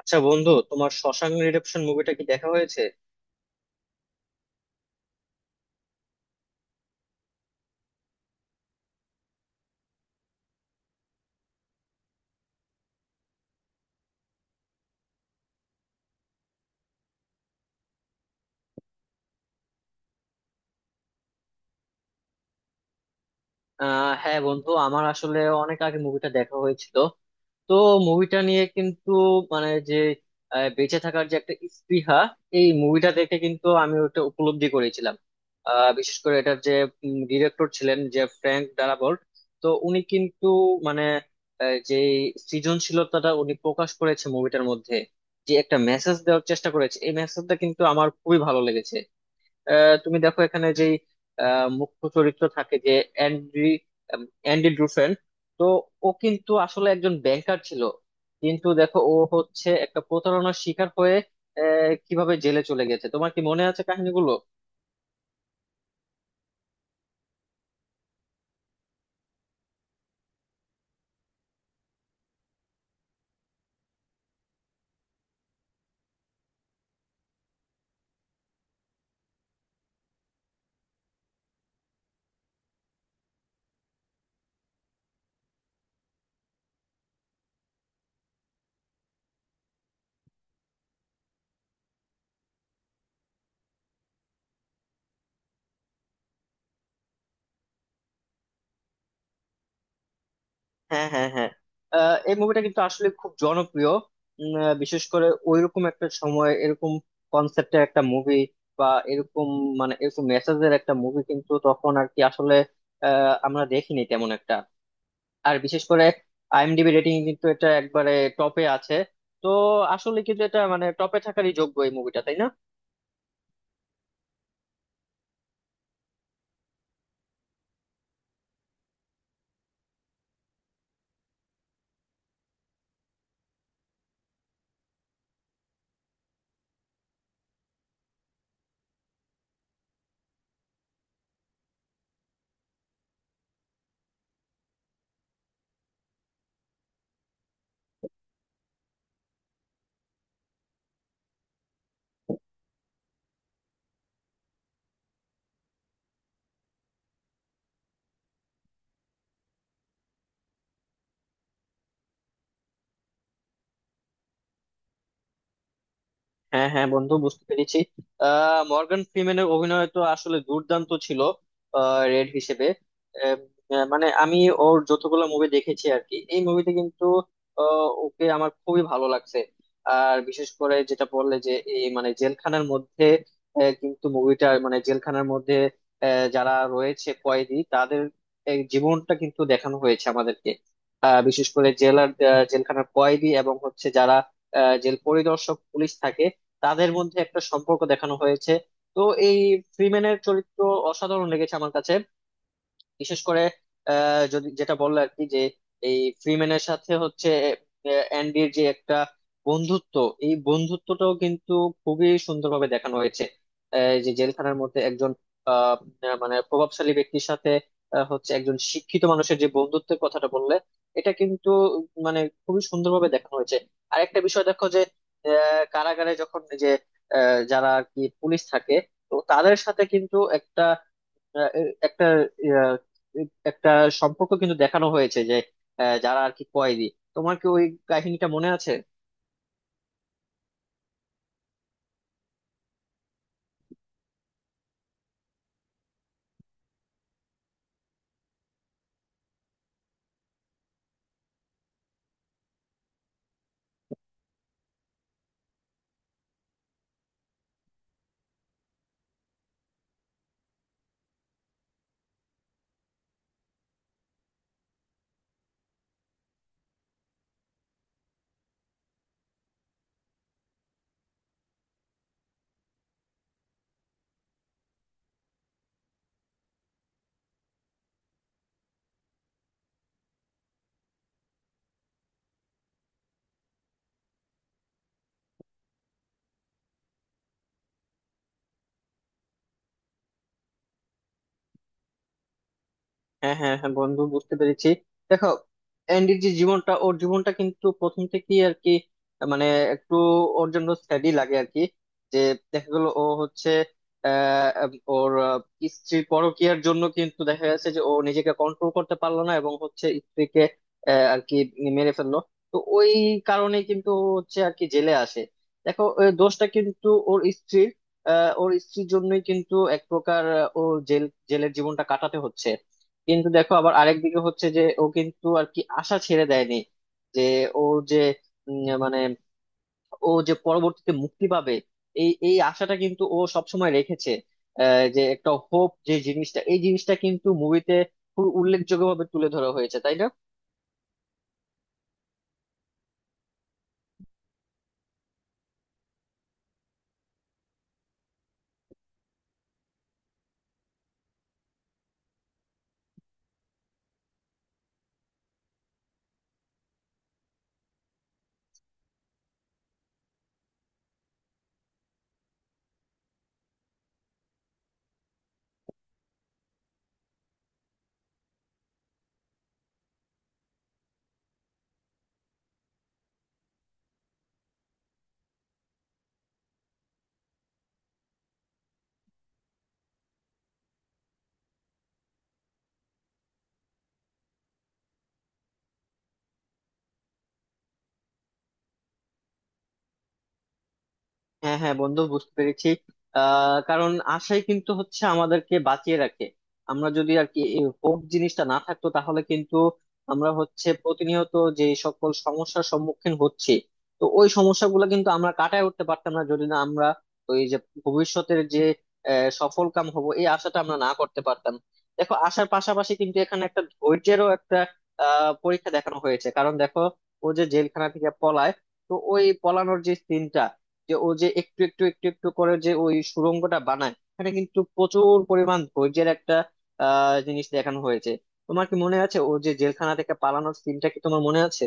আচ্ছা বন্ধু, তোমার শশাঙ্ক রিডেম্পশন মুভিটা কি দেখা হয়েছে? হ্যাঁ বন্ধু, আমার আসলে অনেক আগে মুভিটা দেখা হয়েছিল। তো মুভিটা নিয়ে কিন্তু মানে যে বেঁচে থাকার যে একটা স্পৃহা, এই মুভিটা দেখে কিন্তু আমি ওটা উপলব্ধি করেছিলাম। বিশেষ করে এটার যে ডিরেক্টর ছিলেন, যে ফ্র্যাঙ্ক ডারাবল্ট। তো উনি কিন্তু মানে যে সৃজনশীলতাটা উনি প্রকাশ করেছে মুভিটার মধ্যে, যে একটা মেসেজ দেওয়ার চেষ্টা করেছে, এই মেসেজটা কিন্তু আমার খুবই ভালো লেগেছে। তুমি দেখো, এখানে যেই মুখ্য চরিত্র থাকে, যে অ্যান্ড্রি, অ্যান্ডি ড্রুফেন, তো ও কিন্তু আসলে একজন ব্যাংকার ছিল। কিন্তু দেখো, ও হচ্ছে একটা প্রতারণার শিকার হয়ে কিভাবে জেলে চলে গেছে, তোমার কি মনে আছে কাহিনীগুলো? হ্যাঁ হ্যাঁ হ্যাঁ। এই মুভিটা কিন্তু আসলে খুব জনপ্রিয়। বিশেষ করে ওইরকম একটা সময় এরকম কনসেপ্টের একটা মুভি বা এরকম মানে এরকম মেসেজের একটা মুভি কিন্তু তখন আর কি আসলে আমরা দেখিনি তেমন একটা। আর বিশেষ করে আইএমডিবি রেটিং কিন্তু এটা একবারে টপে আছে। তো আসলে কিন্তু এটা মানে টপে থাকারই যোগ্য এই মুভিটা, তাই না? হ্যাঁ হ্যাঁ বন্ধু, বুঝতে পেরেছি। মর্গান ফ্রিম্যানের অভিনয় তো আসলে দুর্দান্ত ছিল রেড হিসেবে। আহ, আহ, মানে আমি ওর যতগুলো মুভি দেখেছি আর কি, এই মুভিতে কিন্তু ওকে আমার খুবই ভালো লাগছে। আর বিশেষ করে যেটা বললে যে এই মানে জেলখানার মধ্যে, কিন্তু মুভিটা মানে জেলখানার মধ্যে যারা রয়েছে কয়েদি, তাদের এই জীবনটা কিন্তু দেখানো হয়েছে আমাদেরকে। বিশেষ করে জেলার জেলখানার কয়েদি এবং হচ্ছে যারা জেল পরিদর্শক পুলিশ থাকে, তাদের মধ্যে একটা সম্পর্ক দেখানো হয়েছে। তো এই ফ্রিম্যানের চরিত্র অসাধারণ লেগেছে আমার কাছে। বিশেষ করে যদি যেটা বললো আর কি, যে এই ফ্রিম্যানের সাথে হচ্ছে অ্যান্ডির যে একটা বন্ধুত্ব, এই বন্ধুত্বটাও কিন্তু খুবই সুন্দরভাবে দেখানো হয়েছে। যে জেলখানার মধ্যে একজন আহ, আহ, মানে প্রভাবশালী ব্যক্তির সাথে হচ্ছে একজন শিক্ষিত মানুষের যে বন্ধুত্বের কথাটা বললে, এটা কিন্তু মানে খুবই সুন্দরভাবে দেখানো হয়েছে। আর একটা বিষয় দেখো, যে কারাগারে যখন যে যারা আর কি পুলিশ থাকে, তো তাদের সাথে কিন্তু একটা আহ, এ- একটা আহ, এ- একটা সম্পর্ক কিন্তু দেখানো হয়েছে, যে যারা আর কি কয়েদি, তোমার কি ওই কাহিনীটা মনে আছে? হ্যাঁ হ্যাঁ হ্যাঁ বন্ধু, বুঝতে পেরেছি। দেখো, অ্যান্ডির যে জীবনটা, ওর জীবনটা কিন্তু প্রথম থেকেই আর কি মানে একটু ওর জন্য স্টাডি লাগে আর কি। যে দেখা গেল, ও হচ্ছে আহ, ওর স্ত্রীর পরকীয়ার জন্য কিন্তু দেখা গেছে যে ও নিজেকে কন্ট্রোল করতে পারলো না এবং হচ্ছে স্ত্রীকে আর কি মেরে ফেললো। তো ওই কারণে কিন্তু ও হচ্ছে আর কি জেলে আসে। দেখো, ওই দোষটা কিন্তু ওর স্ত্রীর, ওর স্ত্রীর জন্যই কিন্তু এক প্রকার ও জেল জেলের জীবনটা কাটাতে হচ্ছে। কিন্তু দেখো, আবার আরেক দিকে হচ্ছে যে ও কিন্তু আর কি আশা ছেড়ে দেয়নি। যে ও যে মানে ও যে পরবর্তীতে মুক্তি পাবে, এই এই আশাটা কিন্তু ও সবসময় রেখেছে। যে একটা হোপ যে জিনিসটা, এই জিনিসটা কিন্তু মুভিতে খুব উল্লেখযোগ্যভাবে তুলে ধরা হয়েছে, তাই না? হ্যাঁ হ্যাঁ বন্ধু, বুঝতে পেরেছি। কারণ আশাই কিন্তু হচ্ছে আমাদেরকে বাঁচিয়ে রাখে। আমরা যদি আর কি এই হোপ জিনিসটা না থাকতো তাহলে কিন্তু আমরা হচ্ছে প্রতিনিয়ত যে সকল সমস্যার সম্মুখীন হচ্ছি, তো ওই সমস্যাগুলো কিন্তু আমরা কাটায় উঠতে পারতাম না, যদি না আমরা ওই যে ভবিষ্যতের যে সফল কাম হব এই আশাটা আমরা না করতে পারতাম। দেখো, আশার পাশাপাশি কিন্তু এখানে একটা ধৈর্যেরও একটা পরীক্ষা দেখানো হয়েছে। কারণ দেখো, ও যে জেলখানা থেকে পলায়, তো ওই পলানোর যে সিনটা, যে ও যে একটু একটু একটু একটু করে যে ওই সুড়ঙ্গটা বানায়, এখানে কিন্তু প্রচুর পরিমাণ ধৈর্যের একটা জিনিস দেখানো হয়েছে। তোমার কি মনে আছে ও যে জেলখানা থেকে পালানোর সিনটা, কি তোমার মনে আছে?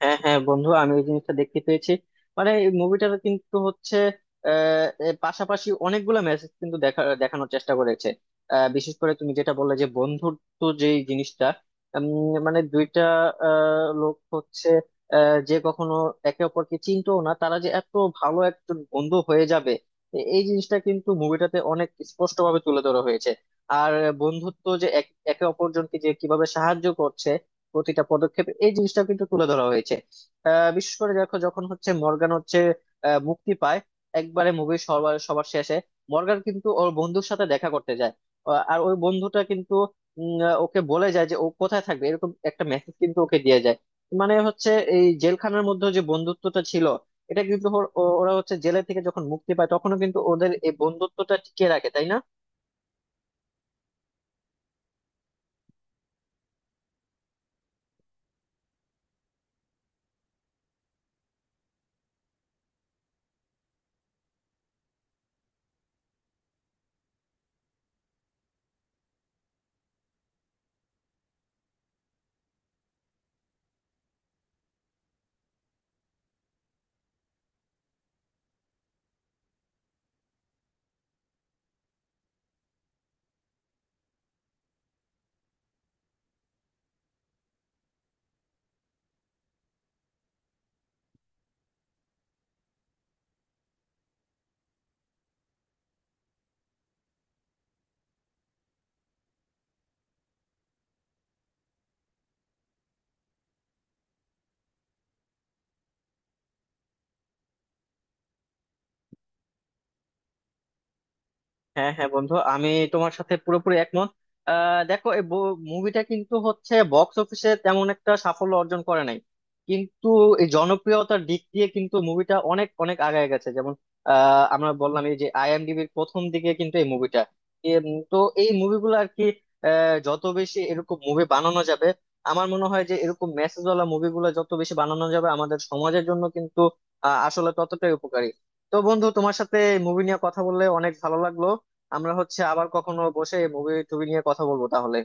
হ্যাঁ হ্যাঁ বন্ধু, আমি ওই জিনিসটা দেখতে পেয়েছি। মানে এই মুভিটাতে কিন্তু হচ্ছে এর পাশাপাশি অনেকগুলো মেসেজ কিন্তু দেখানোর চেষ্টা করেছে। বিশেষ করে তুমি যেটা বললে যে বন্ধুত্ব যে জিনিসটা, মানে দুইটা লোক হচ্ছে যে কখনো একে অপরকে চিনতো না, তারা যে এত ভালো একজন বন্ধু হয়ে যাবে, এই জিনিসটা কিন্তু মুভিটাতে অনেক স্পষ্ট ভাবে তুলে ধরা হয়েছে। আর বন্ধুত্ব যে একে অপরজনকে যে কিভাবে সাহায্য করছে প্রতিটা পদক্ষেপ, এই জিনিসটা কিন্তু তুলে ধরা হয়েছে। বিশেষ করে দেখো, যখন হচ্ছে মর্গান হচ্ছে মুক্তি পায় একবারে মুভির সবার সবার শেষে, মর্গান কিন্তু ওর বন্ধুর সাথে দেখা করতে যায়। আর ওই বন্ধুটা কিন্তু ওকে বলে যায় যে ও কোথায় থাকবে, এরকম একটা মেসেজ কিন্তু ওকে দিয়ে যায়। মানে হচ্ছে এই জেলখানার মধ্যে যে বন্ধুত্বটা ছিল, এটা কিন্তু ওরা হচ্ছে জেলে থেকে যখন মুক্তি পায় তখনও কিন্তু ওদের এই বন্ধুত্বটা টিকিয়ে রাখে, তাই না? হ্যাঁ হ্যাঁ বন্ধু, আমি তোমার সাথে পুরোপুরি একমত। দেখো, এই মুভিটা কিন্তু হচ্ছে বক্স অফিসে তেমন একটা সাফল্য অর্জন করে নাই, কিন্তু এই জনপ্রিয়তার দিক দিয়ে কিন্তু মুভিটা অনেক অনেক আগায় গেছে। যেমন আমরা বললাম, এই যে আইএমডিবির প্রথম দিকে কিন্তু এই মুভিটা। তো এই মুভিগুলো আর কি যত বেশি এরকম মুভি বানানো যাবে, আমার মনে হয় যে এরকম মেসেজ ওয়ালা মুভিগুলো যত বেশি বানানো যাবে, আমাদের সমাজের জন্য কিন্তু আসলে ততটাই উপকারী। তো বন্ধু, তোমার সাথে মুভি নিয়ে কথা বললে অনেক ভালো লাগলো। আমরা হচ্ছে আবার কখনো বসে মুভি টুভি নিয়ে কথা বলবো তাহলে।